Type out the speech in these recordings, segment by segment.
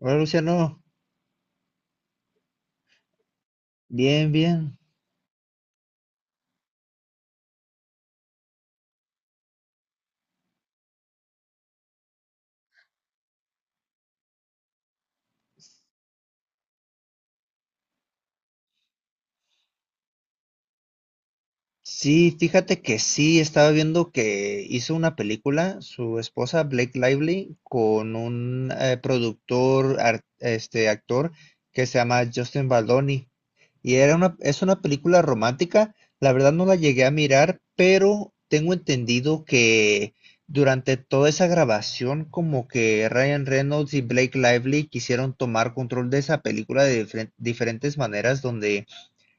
Hola Luciano, bien, bien. Sí, fíjate que sí, estaba viendo que hizo una película, su esposa Blake Lively, con un productor, este actor que se llama Justin Baldoni. Es una película romántica, la verdad no la llegué a mirar, pero tengo entendido que durante toda esa grabación como que Ryan Reynolds y Blake Lively quisieron tomar control de esa película de diferentes maneras donde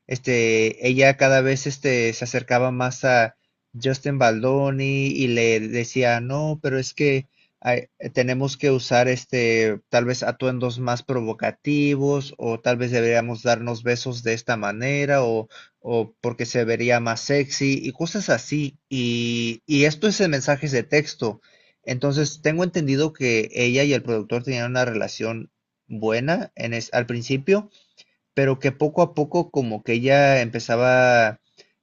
ella cada vez se acercaba más a Justin Baldoni y le decía, no, pero es que hay- tenemos que usar tal vez atuendos más provocativos o tal vez deberíamos darnos besos de esta manera o porque se vería más sexy y cosas así. Y esto es en mensajes de texto. Entonces, tengo entendido que ella y el productor tenían una relación buena al principio, pero que poco a poco como que ella empezaba,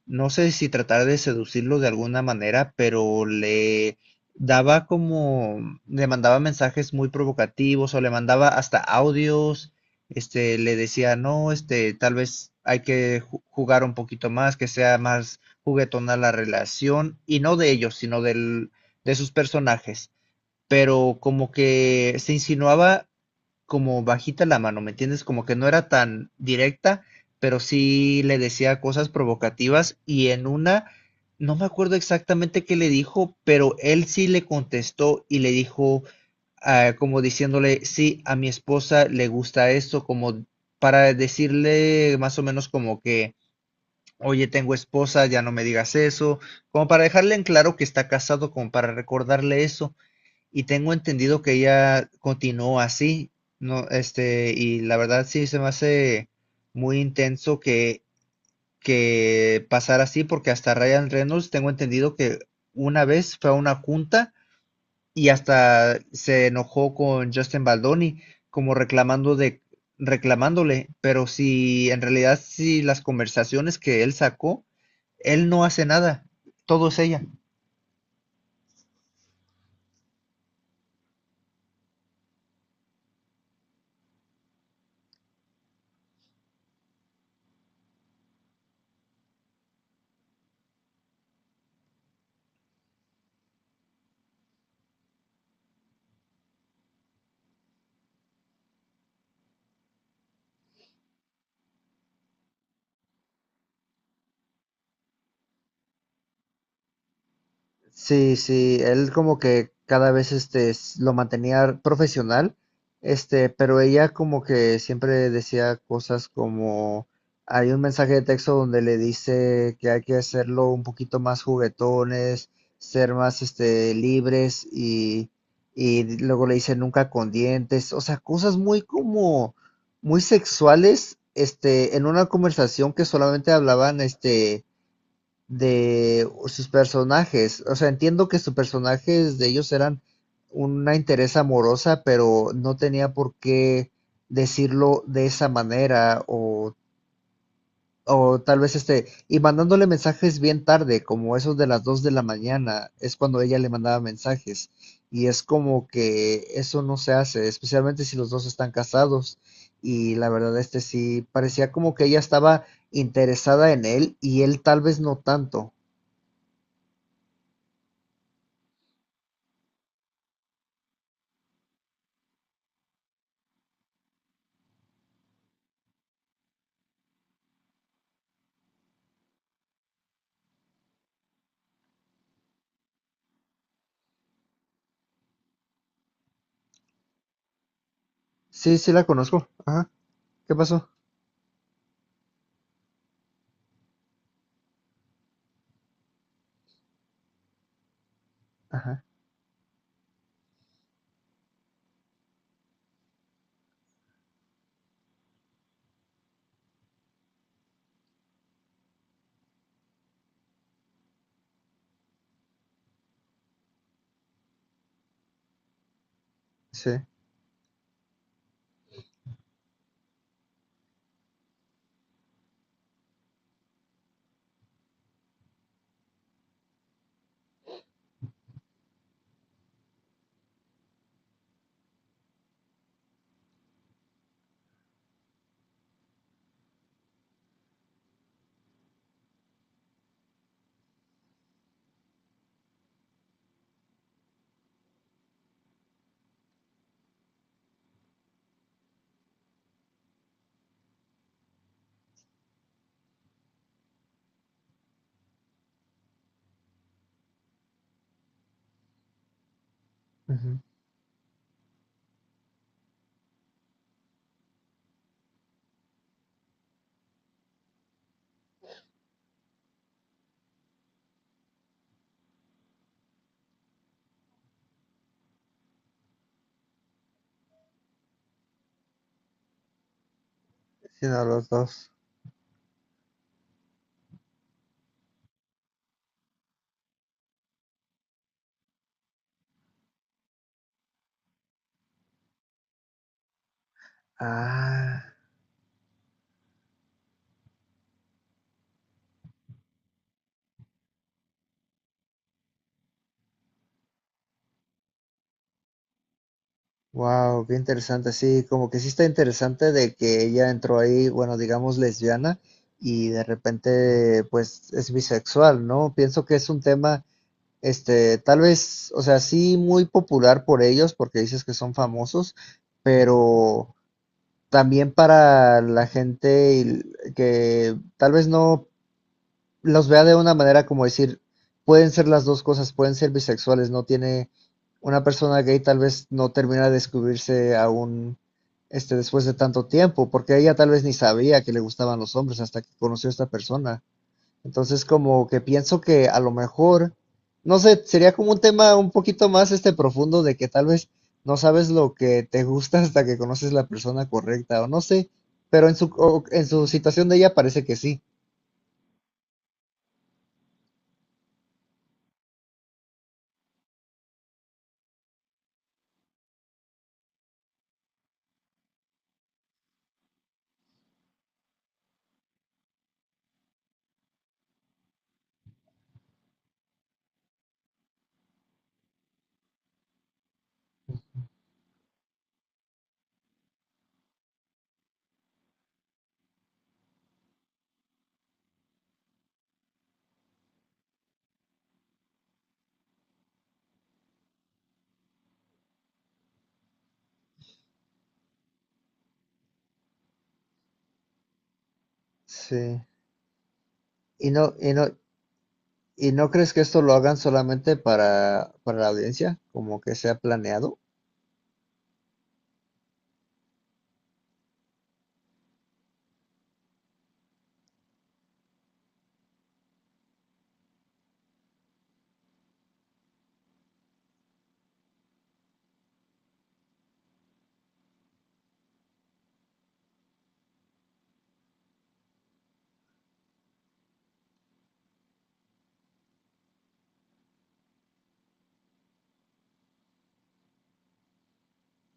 no sé si tratar de seducirlo de alguna manera, pero le daba como, le mandaba mensajes muy provocativos o le mandaba hasta audios, le decía, no, tal vez hay que jugar un poquito más, que sea más juguetona la relación, y no de ellos, de sus personajes. Pero como que se insinuaba como bajita la mano, ¿me entiendes? Como que no era tan directa, pero sí le decía cosas provocativas y en una, no me acuerdo exactamente qué le dijo, pero él sí le contestó y le dijo, ah, como diciéndole, sí, a mi esposa le gusta esto, como para decirle más o menos como que, oye, tengo esposa, ya no me digas eso, como para dejarle en claro que está casado, como para recordarle eso y tengo entendido que ella continuó así, no, y la verdad sí se me hace muy intenso que pasara así, porque hasta Ryan Reynolds tengo entendido que una vez fue a una junta y hasta se enojó con Justin Baldoni, como reclamándole, pero si en realidad si las conversaciones que él sacó, él no hace nada, todo es ella. Sí, sí, él como que cada vez lo mantenía profesional, pero ella como que siempre decía cosas como hay un mensaje de texto donde le dice que hay que hacerlo un poquito más juguetones, ser más libres y luego le dice nunca con dientes, o sea, cosas muy como muy sexuales, en una conversación que solamente hablaban de sus personajes. O sea, entiendo que sus personajes de ellos eran una interés amorosa, pero no tenía por qué decirlo de esa manera o tal vez y mandándole mensajes bien tarde, como esos de las 2 de la mañana, es cuando ella le mandaba mensajes. Y es como que eso no se hace, especialmente si los dos están casados. Y la verdad, sí, parecía como que ella estaba interesada en él y él tal vez no tanto. Sí, sí la conozco. Ajá. ¿Qué pasó? Ajá. Sí. Ujú. Sí, no, los dos. Ah, wow, qué interesante. Sí, como que sí está interesante de que ella entró ahí, bueno, digamos lesbiana y de repente pues es bisexual, ¿no? Pienso que es un tema, tal vez, o sea, sí muy popular por ellos porque dices que son famosos, pero también para la gente que tal vez no los vea de una manera como decir, pueden ser las dos cosas, pueden ser bisexuales, no tiene, una persona gay tal vez no termina de descubrirse aún después de tanto tiempo, porque ella tal vez ni sabía que le gustaban los hombres hasta que conoció a esta persona. Entonces como que pienso que a lo mejor no sé, sería como un tema un poquito más profundo de que tal vez no sabes lo que te gusta hasta que conoces la persona correcta o no sé, pero en su en su situación de ella parece que sí. Sí. ¿Y no, y no, y no crees que esto lo hagan solamente para la audiencia? ¿Como que sea planeado?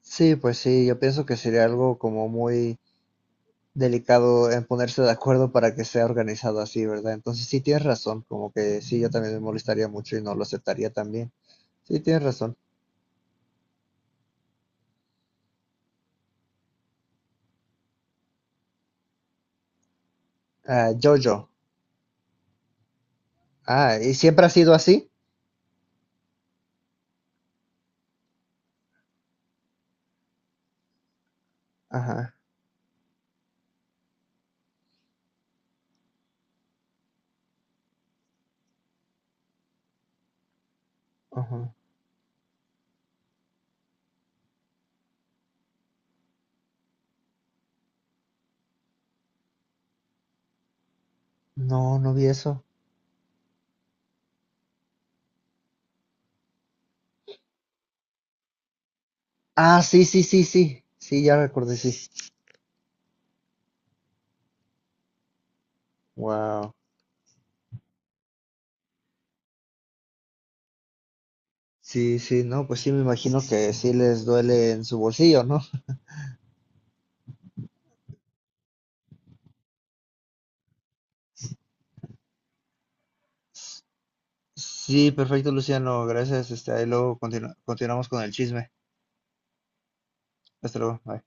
Sí, pues sí, yo pienso que sería algo como muy delicado en ponerse de acuerdo para que sea organizado así, ¿verdad? Entonces sí tienes razón, como que sí, yo también me molestaría mucho y no lo aceptaría también. Sí, tienes razón. Ah, Jojo. Ah, ¿y siempre ha sido así? Ajá, ajá. No, no vi eso. Ah, sí, sí, sí, sí. Sí, ya recordé, sí. Wow. Sí, sí, no, pues sí, me imagino que sí les duele en su bolsillo, ¿no? Sí, perfecto, Luciano, gracias. Ahí luego continuamos con el chisme. Hasta luego, bye.